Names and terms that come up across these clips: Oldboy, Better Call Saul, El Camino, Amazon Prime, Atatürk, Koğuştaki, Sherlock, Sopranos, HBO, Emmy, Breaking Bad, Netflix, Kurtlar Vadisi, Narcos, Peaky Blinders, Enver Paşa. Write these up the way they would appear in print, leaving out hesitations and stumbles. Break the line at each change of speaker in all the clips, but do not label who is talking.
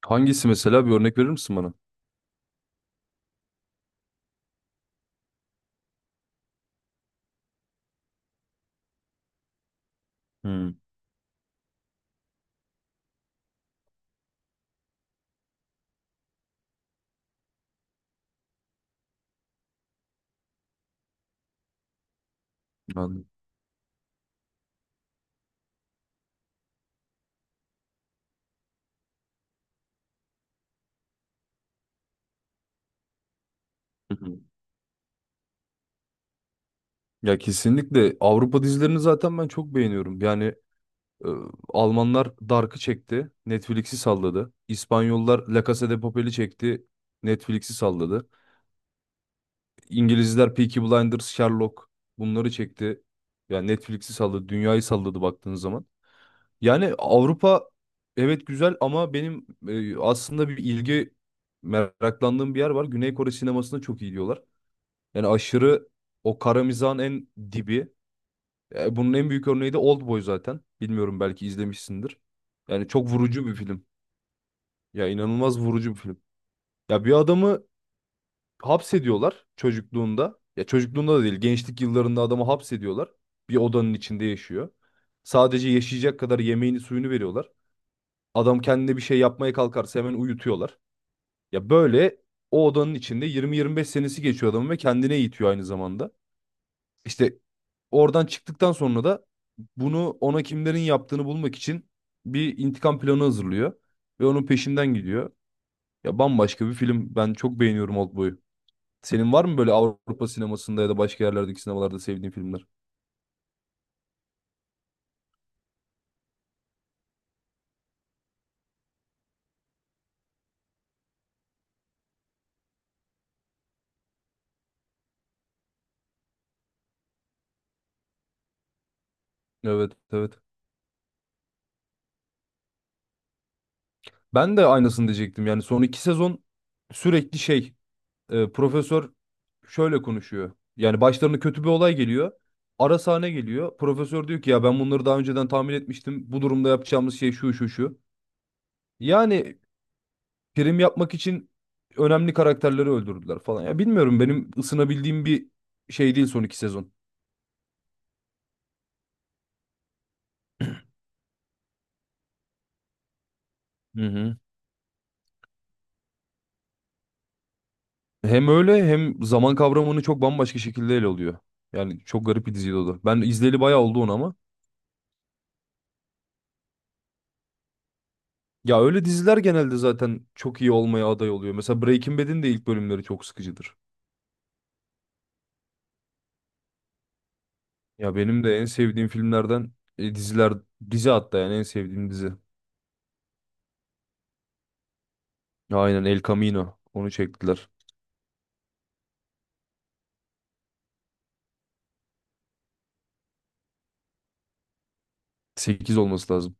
Hangisi mesela bir örnek verir misin bana? Hmm. Anladım. Hı hı. Ya kesinlikle Avrupa dizilerini zaten ben çok beğeniyorum. Yani e, Almanlar Dark'ı çekti, Netflix'i salladı. İspanyollar La Casa de Papel'i çekti, Netflix'i salladı. İngilizler Peaky Blinders, Sherlock bunları çekti. Yani Netflix'i salladı, dünyayı salladı baktığın zaman. Yani Avrupa evet güzel ama benim aslında bir ilgi meraklandığım bir yer var. Güney Kore sinemasına çok iyi diyorlar. Yani aşırı o kara mizahın en dibi. Bunun en büyük örneği de Oldboy zaten. Bilmiyorum belki izlemişsindir. Yani çok vurucu bir film. Ya inanılmaz vurucu bir film. Ya bir adamı hapsediyorlar çocukluğunda. Ya çocukluğunda da değil, gençlik yıllarında adamı hapsediyorlar. Bir odanın içinde yaşıyor. Sadece yaşayacak kadar yemeğini suyunu veriyorlar. Adam kendine bir şey yapmaya kalkarsa hemen uyutuyorlar. Ya böyle o odanın içinde 20-25 senesi geçiyor adamın ve kendine eğitiyor aynı zamanda. İşte oradan çıktıktan sonra da bunu ona kimlerin yaptığını bulmak için bir intikam planı hazırlıyor ve onun peşinden gidiyor. Ya bambaşka bir film. Ben çok beğeniyorum Oldboy'u. Senin var mı böyle Avrupa sinemasında ya da başka yerlerdeki sinemalarda sevdiğin filmler? Evet, evet. Ben de aynısını diyecektim. Yani son iki sezon sürekli profesör şöyle konuşuyor. Yani başlarına kötü bir olay geliyor. Ara sahne geliyor. Profesör diyor ki ya ben bunları daha önceden tahmin etmiştim. Bu durumda yapacağımız şey şu şu şu. Yani prim yapmak için önemli karakterleri öldürdüler falan. Ya bilmiyorum benim ısınabildiğim bir şey değil son iki sezon. Hı hı. Hem öyle hem zaman kavramını çok bambaşka şekilde ele alıyor. Yani çok garip bir diziydi o da. Ben izleyeli bayağı oldu onu ama. Ya öyle diziler genelde zaten çok iyi olmaya aday oluyor. Mesela Breaking Bad'in de ilk bölümleri çok sıkıcıdır. Ya benim de en sevdiğim filmlerden diziler, dizi hatta yani en sevdiğim dizi. Aynen El Camino. Onu çektiler. 8 olması lazım.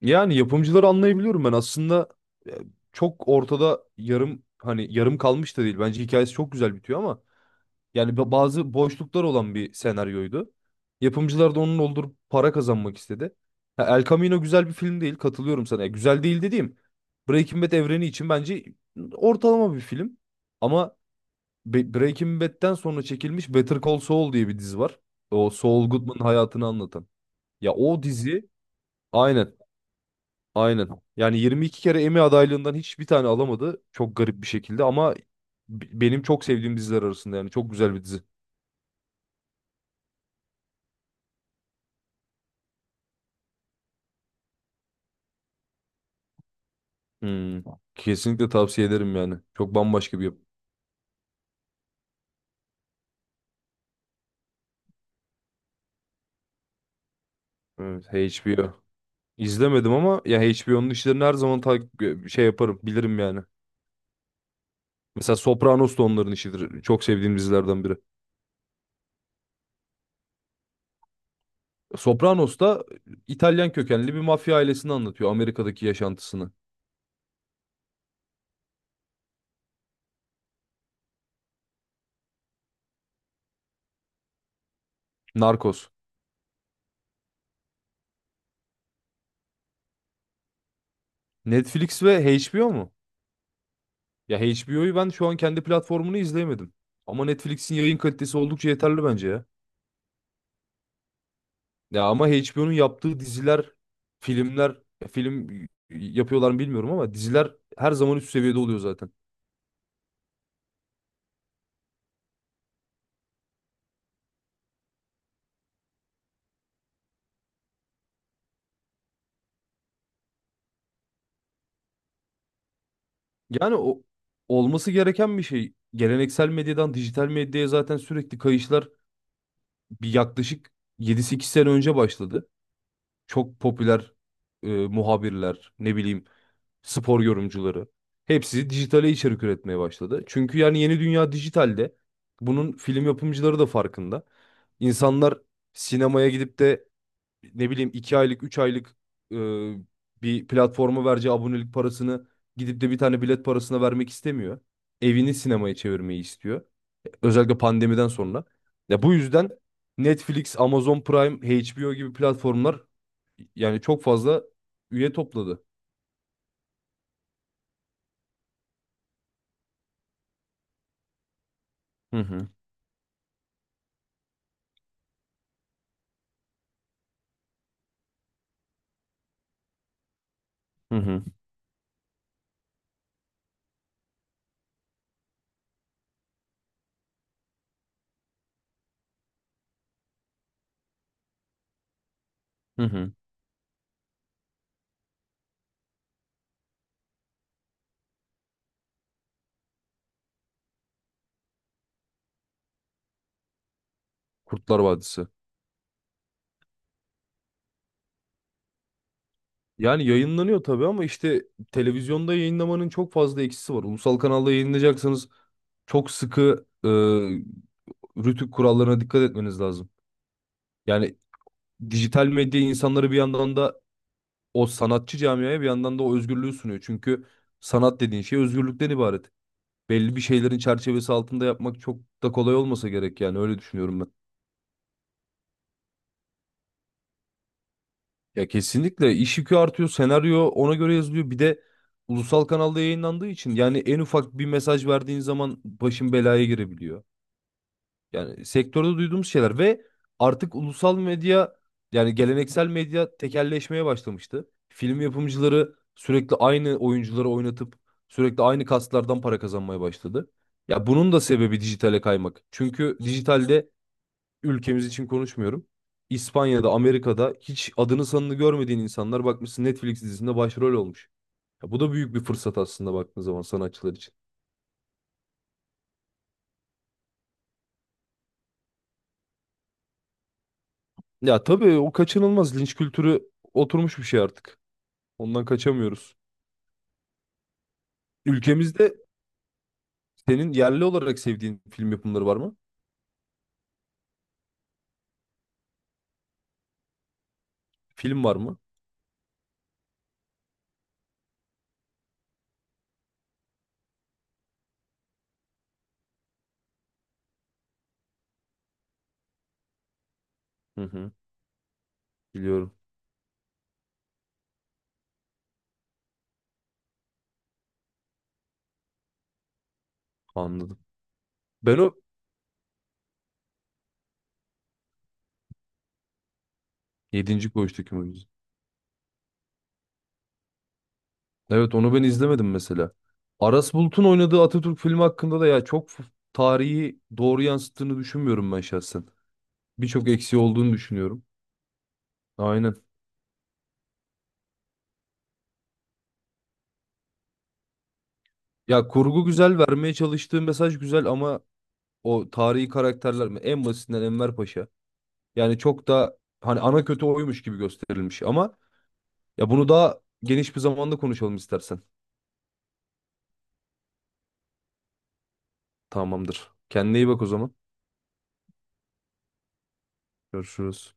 Yani yapımcıları anlayabiliyorum ben aslında e, çok ortada yarım hani yarım kalmış da değil. Bence hikayesi çok güzel bitiyor ama yani bazı boşluklar olan bir senaryoydu. Yapımcılar da onun doldurup para kazanmak istedi. Ha, El Camino güzel bir film değil, katılıyorum sana. Ya güzel değil dediğim, Breaking Bad evreni için bence ortalama bir film. Ama Breaking Bad'den sonra çekilmiş Better Call Saul diye bir dizi var. O Saul Goodman'ın hayatını anlatan. Ya o dizi aynen. Aynen. Yani 22 kere Emmy adaylığından hiçbir tane alamadı. Çok garip bir şekilde ama benim çok sevdiğim diziler arasında, yani çok güzel bir dizi. Hmm. Kesinlikle tavsiye ederim yani. Çok bambaşka bir yapı. Evet, HBO. İzlemedim ama ya HBO'nun işlerini her zaman takip şey yaparım, bilirim yani. Mesela Sopranos da onların işidir. Çok sevdiğim dizilerden biri. Sopranos da İtalyan kökenli bir mafya ailesini anlatıyor, Amerika'daki yaşantısını. Narcos. Netflix ve HBO mu? Ya HBO'yu ben şu an kendi platformunu izleyemedim. Ama Netflix'in yayın kalitesi oldukça yeterli bence ya. Ya ama HBO'nun yaptığı diziler, filmler, ya film yapıyorlar mı bilmiyorum ama diziler her zaman üst seviyede oluyor zaten. Yani o olması gereken bir şey. Geleneksel medyadan dijital medyaya zaten sürekli kayışlar bir yaklaşık yedi sekiz sene önce başladı. Çok popüler muhabirler, ne bileyim spor yorumcuları. Hepsi dijitale içerik üretmeye başladı. Çünkü yani yeni dünya dijitalde. Bunun film yapımcıları da farkında. İnsanlar sinemaya gidip de ne bileyim 2 aylık 3 aylık e, bir platforma vereceği abonelik parasını gidip de bir tane bilet parasına vermek istemiyor. Evini sinemaya çevirmeyi istiyor. Özellikle pandemiden sonra. Ya bu yüzden Netflix, Amazon Prime, HBO gibi platformlar yani çok fazla üye topladı. Hı hı, hı hı, hı hı. Kurtlar Vadisi. Yani yayınlanıyor tabii ama işte televizyonda yayınlamanın çok fazla eksisi var. Ulusal kanalda yayınlayacaksanız çok sıkı rütük kurallarına dikkat etmeniz lazım. Yani dijital medya insanları bir yandan da o sanatçı camiaya bir yandan da o özgürlüğü sunuyor. Çünkü sanat dediğin şey özgürlükten ibaret. Belli bir şeylerin çerçevesi altında yapmak çok da kolay olmasa gerek, yani öyle düşünüyorum ben. Ya kesinlikle iş yükü artıyor, senaryo ona göre yazılıyor. Bir de ulusal kanalda yayınlandığı için yani en ufak bir mesaj verdiğin zaman başın belaya girebiliyor. Yani sektörde duyduğumuz şeyler ve artık ulusal medya, yani geleneksel medya tekelleşmeye başlamıştı. Film yapımcıları sürekli aynı oyuncuları oynatıp sürekli aynı kaslardan para kazanmaya başladı. Ya bunun da sebebi dijitale kaymak. Çünkü dijitalde, ülkemiz için konuşmuyorum, İspanya'da, Amerika'da hiç adını sanını görmediğin insanlar bakmışsın Netflix dizisinde başrol olmuş. Ya bu da büyük bir fırsat aslında baktığın zaman sanatçılar için. Ya tabii o kaçınılmaz linç kültürü oturmuş bir şey artık. Ondan kaçamıyoruz. Ülkemizde senin yerli olarak sevdiğin film yapımları var mı? Film var mı? Hı hı. Biliyorum. Anladım. Ben o yedinci Koğuştaki mu? Evet, onu ben izlemedim mesela. Aras Bulut'un oynadığı Atatürk filmi hakkında da ya çok tarihi doğru yansıttığını düşünmüyorum ben şahsen. Birçok eksiği olduğunu düşünüyorum. Aynen. Ya kurgu güzel, vermeye çalıştığı mesaj güzel ama o tarihi karakterler mi? En basitinden Enver Paşa. Yani çok da hani ana kötü oymuş gibi gösterilmiş ama ya bunu daha geniş bir zamanda konuşalım istersen. Tamamdır. Kendine iyi bak o zaman. Görüşürüz.